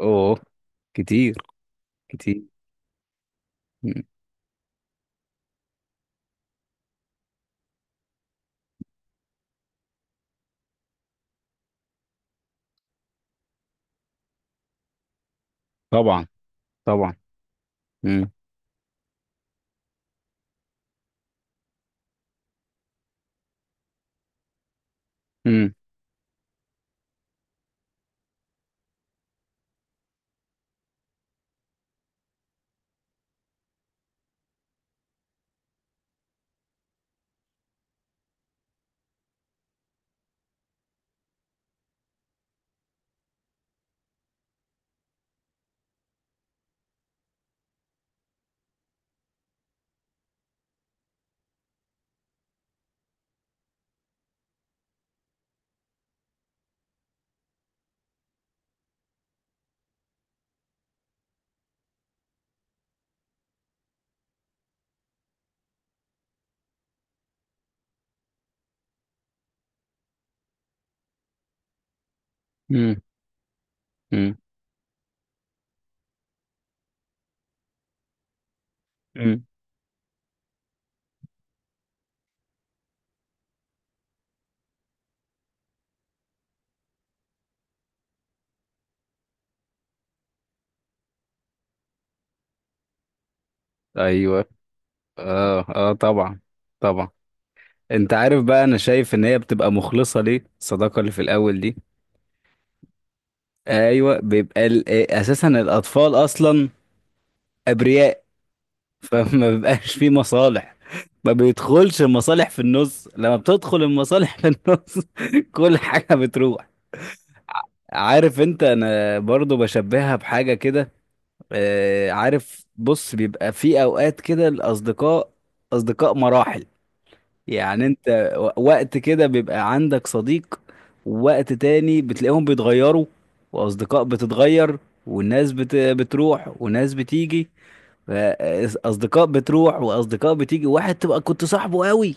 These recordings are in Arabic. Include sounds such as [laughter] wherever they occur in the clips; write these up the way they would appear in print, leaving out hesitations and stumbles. اوه. كتير. كتير. مم. طبعا. طبعا. مم. مم. مم. مم. مم. ايوه. اه، اه، طبعا. طبعا. انت عارف بقى، انا شايف ان هي بتبقى مخلصة، ليه الصداقة اللي في الاول دي. ايوه، بيبقى اساسا الاطفال اصلا ابرياء. [laughs] فما بيبقاش فيه مصالح. ما بيدخلش المصالح في النص. لما بتدخل المصالح في النص. [laughs] كل حاجة بتروح. عارف انت، انا برضو بشبهها بحاجة كده. عارف بص، بيبقى في اوقات كده الاصدقاء اصدقاء مراحل. يعني انت وقت كده بيبقى عندك صديق، ووقت تاني بتلاقيهم بيتغيروا، واصدقاء بتتغير، والناس بتروح وناس بتيجي. ف- اصدقاء بتروح واصدقاء بتيجي. واحد تبقى كنت صاحبه قوي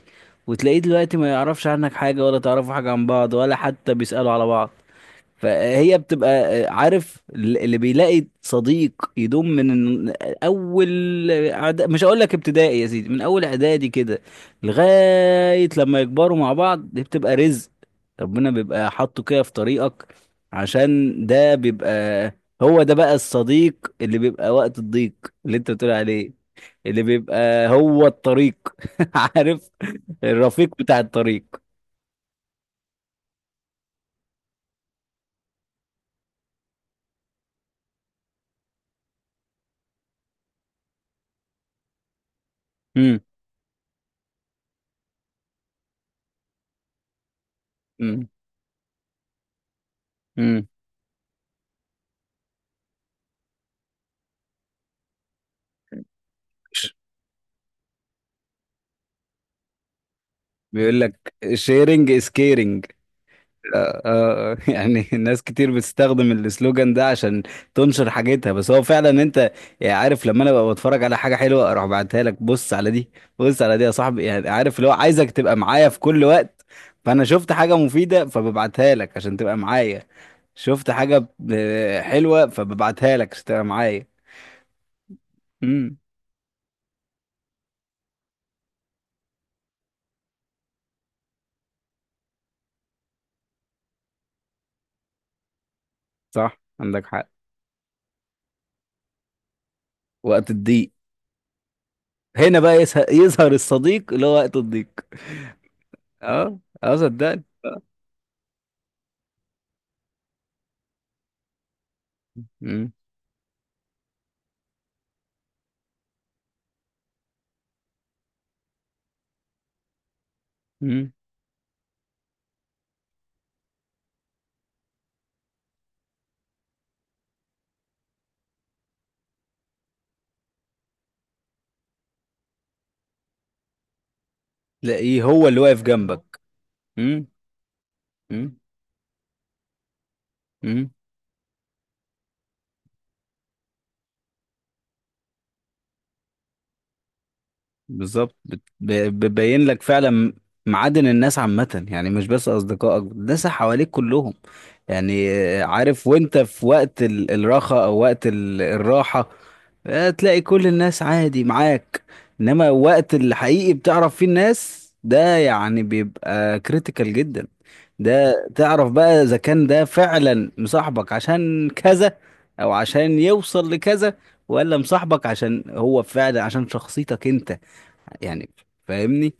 وتلاقيه دلوقتي ما يعرفش عنك حاجة، ولا تعرفوا حاجة عن بعض، ولا حتى بيسألوا على بعض. فهي بتبقى. عارف، اللي بيلاقي صديق يدوم من اول مش هقول لك ابتدائي يا سيدي، من اول اعدادي كده لغاية لما يكبروا مع بعض، دي بتبقى رزق ربنا بيبقى حاطه كده في طريقك. عشان ده بيبقى، هو ده بقى الصديق اللي بيبقى وقت الضيق اللي انت بتقول عليه، اللي بيبقى هو الطريق. [laughs] عارف، الرفيق بتاع الطريق. امم. امم. امم. بيقول لك شيرنج از كيرنج. [laughs] يعني ناس كتير بتستخدم السلوجان ده عشان تنشر حاجتها، بس هو فعلا انت يعني عارف، لما انا ببقى بتفرج على حاجه حلوه اروح بعتها لك، بص على دي، بص على دي يا صاحبي. يعني عارف، اللي هو عايزك تبقى معايا في كل وقت. فانا شفت حاجه مفيده فببعتها لك عشان تبقى معايا. شفت حاجه حلوه فببعتها لك عشان تبقى معايا. امم. صح، عندك حق. وقت الضيق، هنا بقى يظهر الصديق اللي هو وقت الضيق. اه، اه، صدقني. مم. مم. تلاقيه هو اللي واقف جنبك. مم. مم. مم. بالظبط، بتبين لك فعلا معادن الناس عامة، يعني مش بس أصدقائك، الناس اللي حواليك كلهم. يعني عارف، وانت في وقت الراحة أو وقت الراحة، تلاقي كل الناس عادي معاك. إنما وقت الحقيقي بتعرف فيه الناس، ده يعني بيبقى كريتيكال جدا. ده تعرف بقى إذا كان ده فعلا مصاحبك عشان كذا، أو عشان يوصل لكذا، ولا مصاحبك عشان هو فعلا عشان شخصيتك انت. يعني، فاهمني؟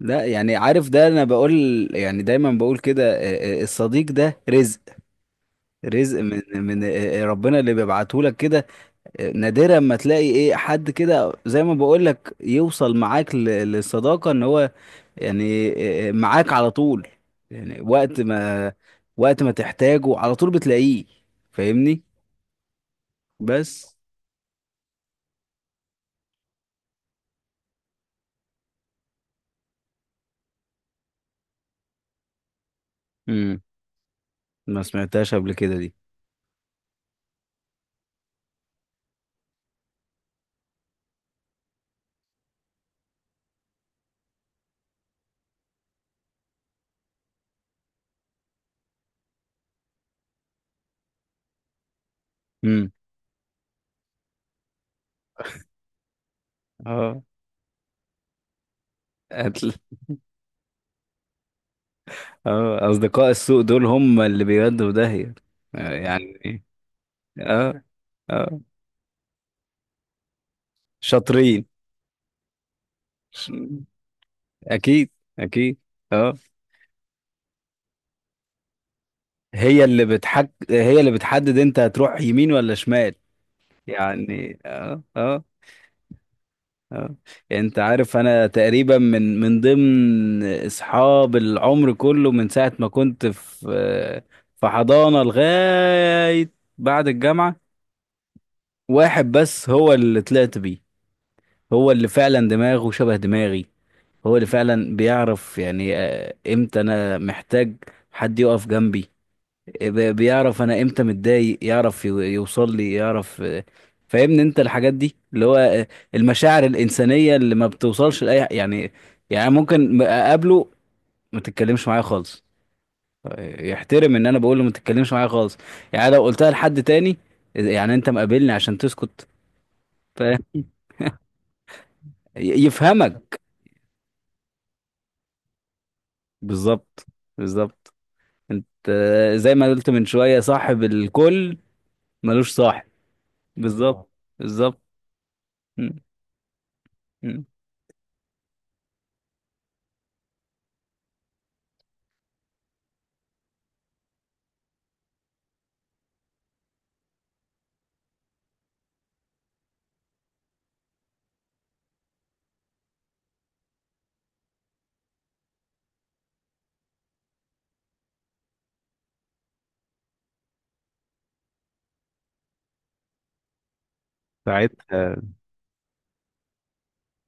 لا، يعني عارف، ده انا بقول، يعني دايما بقول كده، الصديق ده رزق. رزق من ربنا اللي بيبعته لك كده. نادرا ما تلاقي ايه حد كده زي ما بقول لك يوصل معاك للصداقة، ان هو يعني معاك على طول. يعني وقت ما تحتاجه على طول بتلاقيه. فاهمني؟ بس. امم. ما سمعتهاش قبل كده دي. امم. اه، اه، اصدقاء السوق دول هم اللي بيودوا في داهية. يعني ايه. اه. اه، شاطرين. ش- اكيد. اكيد. اه، هي اللي بتحك، هي اللي بتحدد انت هتروح يمين ولا شمال. يعني اه. اه. اه، انت عارف، انا تقريبا من ضمن اصحاب العمر كله، من ساعة ما كنت في حضانة لغاية بعد الجامعة، واحد بس هو اللي طلعت بيه. هو اللي فعلا دماغه شبه دماغي، هو اللي فعلا بيعرف يعني امتى انا محتاج حد يقف جنبي. بيعرف انا امتى متضايق، يعرف يوصل لي، يعرف. فاهمني انت الحاجات دي اللي هو المشاعر الانسانيه اللي ما بتوصلش لاي يعني. يعني ممكن اقابله، ما تتكلمش معايا خالص، يحترم ان انا بقول له ما تتكلمش معايا خالص. يعني لو قلتها لحد تاني يعني انت مقابلني عشان تسكت. ف- يفهمك. بالظبط. بالظبط. انت زي ما قلت من شوية، صاحب الكل ملوش صاحب. بالظبط آه. بالظبط. م- م. ساعتها.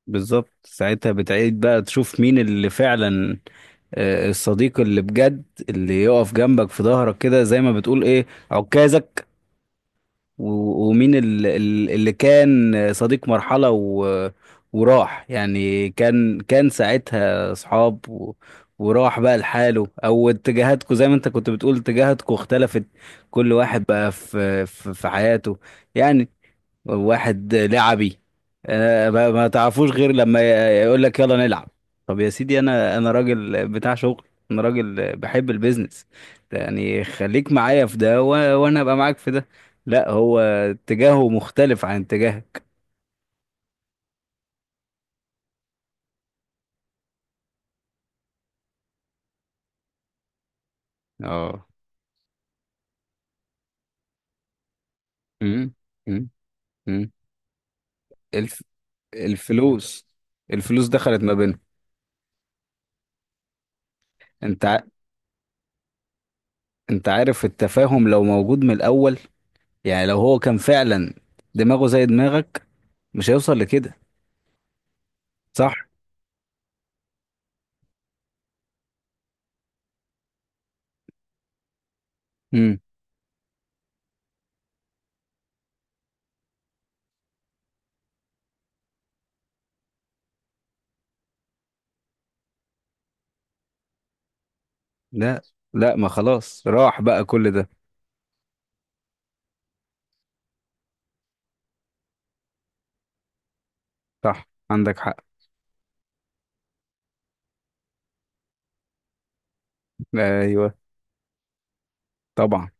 بالظبط، ساعتها بتعيد بقى تشوف مين اللي فعلا الصديق اللي بجد اللي يقف جنبك في ظهرك كده، زي ما بتقول ايه، عكازك. ومين اللي كان صديق مرحلة و... وراح يعني. كان ساعتها صحاب و... وراح بقى لحاله، او اتجاهاتكم زي ما انت كنت بتقول اتجاهاتكم اختلفت. كل واحد بقى في حياته. يعني واحد لعبي، ما تعرفوش غير لما يقول لك يلا نلعب. طب يا سيدي، انا راجل بتاع شغل، انا راجل بحب البيزنس. يعني خليك معايا في ده، وانا ابقى معاك في ده. لا، هو اتجاهه مختلف عن اتجاهك. اه. امم. امم. امم. الف... الفلوس الفلوس دخلت ما بينهم. انت ع... انت عارف، التفاهم لو موجود من الاول، يعني لو هو كان فعلا دماغه زي دماغك، مش هيوصل لكده. صح. لا، لا، ما خلاص راح بقى كل ده. صح، عندك حق. ايوه. طبعا.